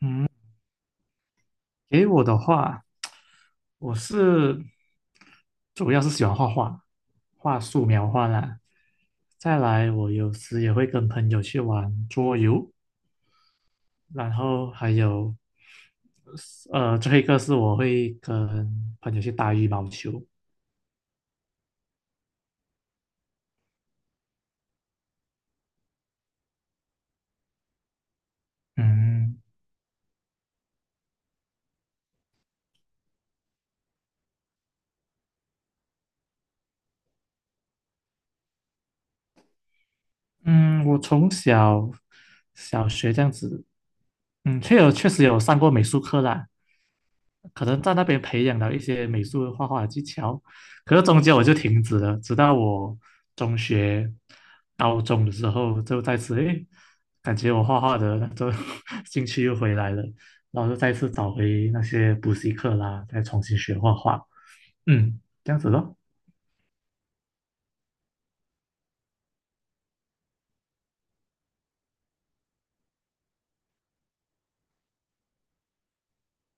嗯，给我的话，我是主要是喜欢画画，画素描画啦。再来，我有时也会跟朋友去玩桌游，然后还有，最后一个是我会跟朋友去打羽毛球。嗯嗯，我从小小学这样子，嗯，确实有上过美术课啦，可能在那边培养了一些美术画画的技巧，可是中间我就停止了，直到我中学、高中的时候就再次，诶，感觉我画画的那种 兴趣又回来了，然后就再次找回那些补习课啦，再重新学画画，嗯，这样子咯，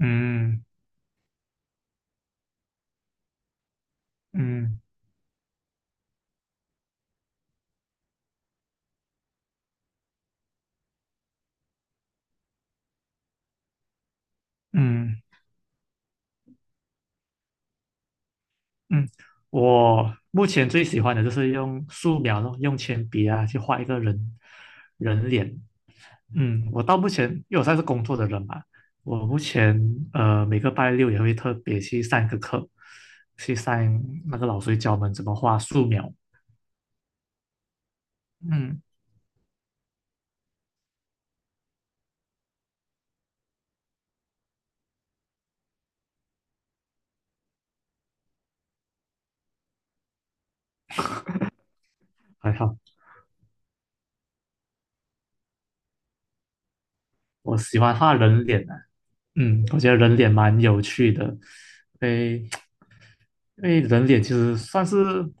嗯嗯嗯嗯，嗯，我目前最喜欢的就是用素描咯，用铅笔啊去画一个人脸，嗯，我到目前，因为我算是工作的人嘛，我目前每个拜六也会特别去上一个课，去上那个老师教我们怎么画素描。嗯，还好，我喜欢画人脸啊。嗯，我觉得人脸蛮有趣的，因为因为人脸其实算是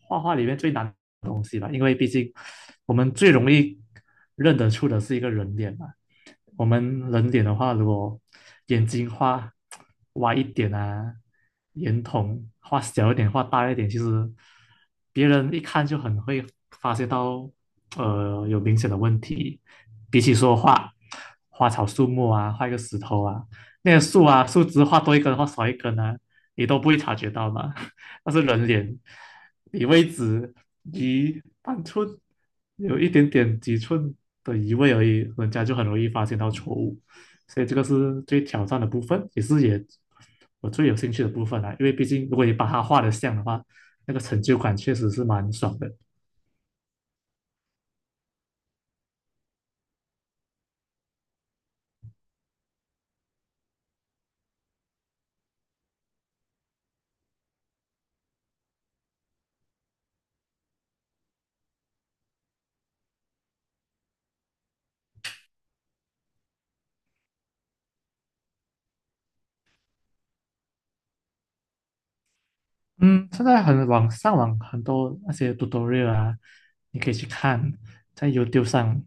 画画里面最难的东西吧，因为毕竟我们最容易认得出的是一个人脸嘛。我们人脸的话，如果眼睛画歪一点啊，眼瞳画小一点啊，画大一点，其实别人一看就很会发现到，有明显的问题。比起说画花草树木啊，画一个石头啊，那个树啊，树枝画多一根，或少一根呢，你都不会察觉到嘛。那是人脸离位置移半寸，有一点点几寸的移位而已，人家就很容易发现到错误。所以这个是最挑战的部分，也是我最有兴趣的部分啦。因为毕竟如果你把它画的像的话，那个成就感确实是蛮爽的。嗯，现在网上很多那些 tutorial 啊，你可以去看，在 YouTube 上，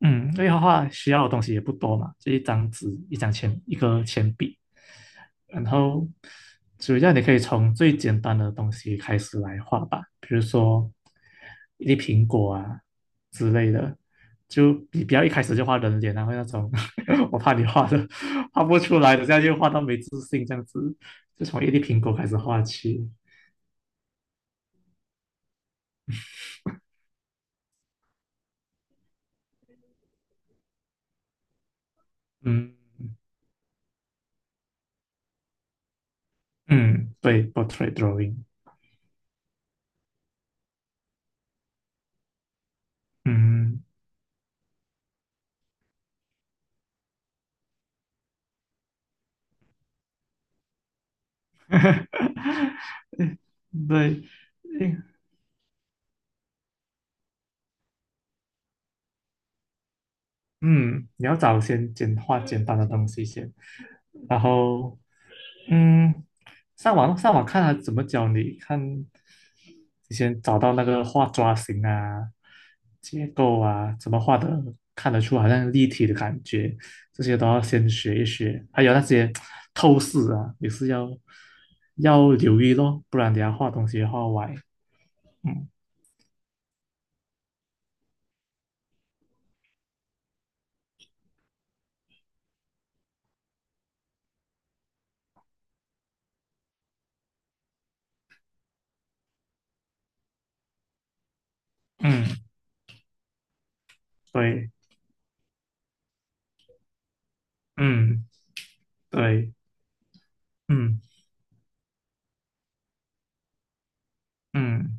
嗯，因为画画需要的东西也不多嘛，就一张纸、一个铅笔，然后主要你可以从最简单的东西开始来画吧，比如说一粒苹果啊之类的，就你不要一开始就画人脸啊，后那种 我怕你画的画不出来的，这样就画到没自信这样子，就从一粒苹果开始画起。嗯嗯，对，portrait drawing，嗯，对，嗯，嗯，你要找先简单的东西先，然后嗯，上网看他怎么教你，看你先找到那个画抓形啊、结构啊，怎么画的看得出好像立体的感觉，这些都要先学一学。还有那些透视啊，也是要留意咯，不然等下画东西画歪。嗯嗯，对，嗯对，嗯嗯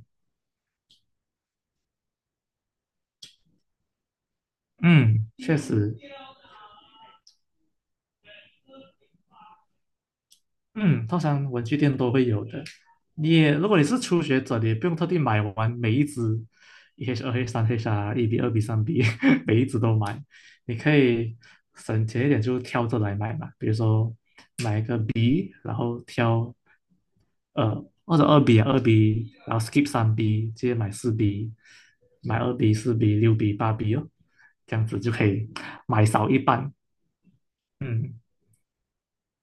嗯，确实。嗯，通常文具店都会有的。你也，如果你是初学者，你也不用特地买完每一支一 H、二 H、三 H 啊，一 B、二 B、三 B，每一支都买。你可以省钱一点，就挑着来买嘛。比如说买一个 B，然后挑呃或者二 B，然后 skip 三 B，直接买四 B，买二 B、四 B、六 B、八 B 哦，这样子就可以买少一半。嗯，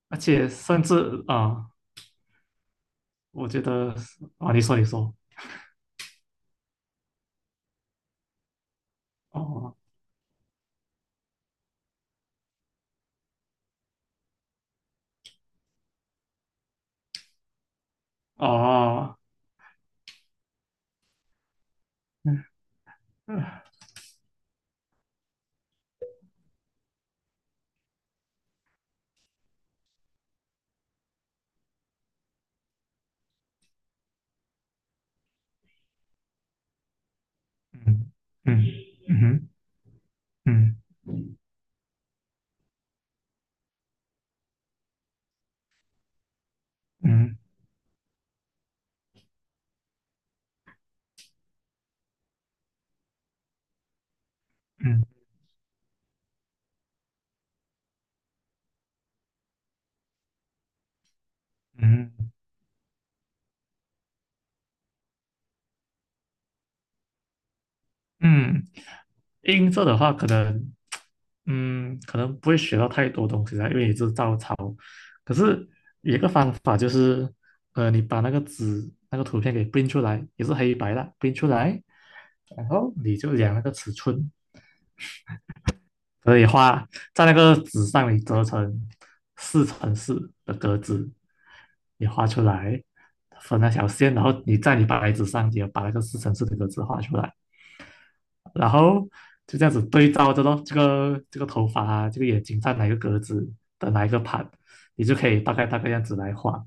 而且甚至啊、我觉得啊，你说你说。哦哦，嗯嗯嗯嗯嗯嗯嗯嗯嗯，音色的话可能，嗯，可能不会学到太多东西啦，因为也是照抄。可是有一个方法就是，你把那个纸那个图片给 p i n 出来，也是黑白的 p i n 出来，然后你就量那个尺寸，可以画在那个纸上，你折成四乘四的格子，你画出来，分那条线，然后你在你白纸上也把那个四乘四的格子画出来，然后就这样子对照着咯，这个头发啊，这个眼睛在哪个格子的哪一个盘，你就可以大概样子来画，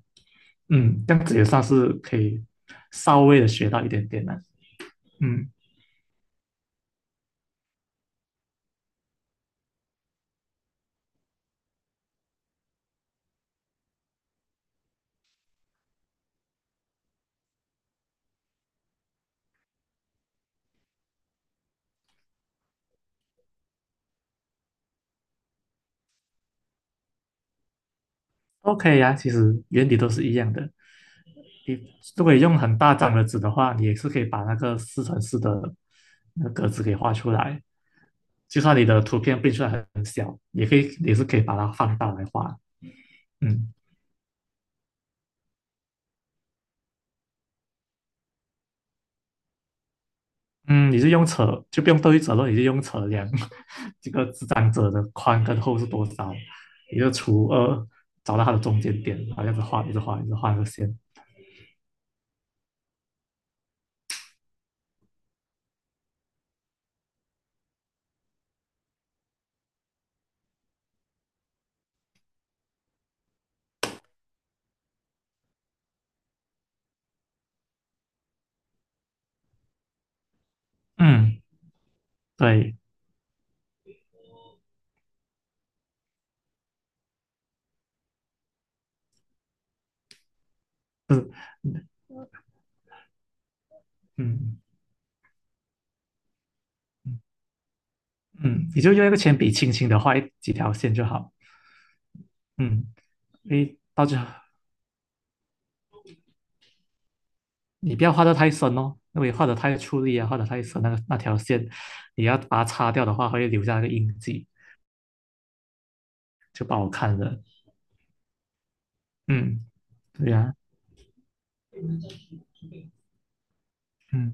嗯，这样子也算是可以稍微的学到一点点了，嗯，OK 呀、啊其实原理都是一样的，你如果你用很大张的纸的话，你也是可以把那个四乘四的那个格子给画出来。就算你的图片变出来很小，也可以，也是可以把它放大来画。嗯嗯，你是用尺，就不用对折了，你是用尺量 这个纸张折的宽跟厚是多少，你就除二，找到它的中间点，然后一样画，一直画，一直画那个线。嗯，对，是，嗯嗯嗯，你就用一个铅笔轻轻的画几条线就好。嗯，诶，到最后你不要画得太深哦，因为画得太出力啊，画得太深，那条线，你要把它擦掉的话，会留下那个印记，就不好看了。嗯，对呀、啊嗯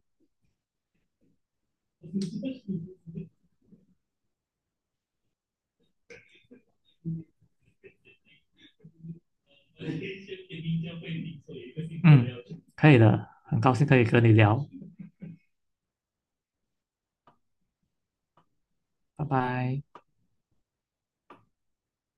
嗯，可以的，很高兴可以和你聊，拜拜。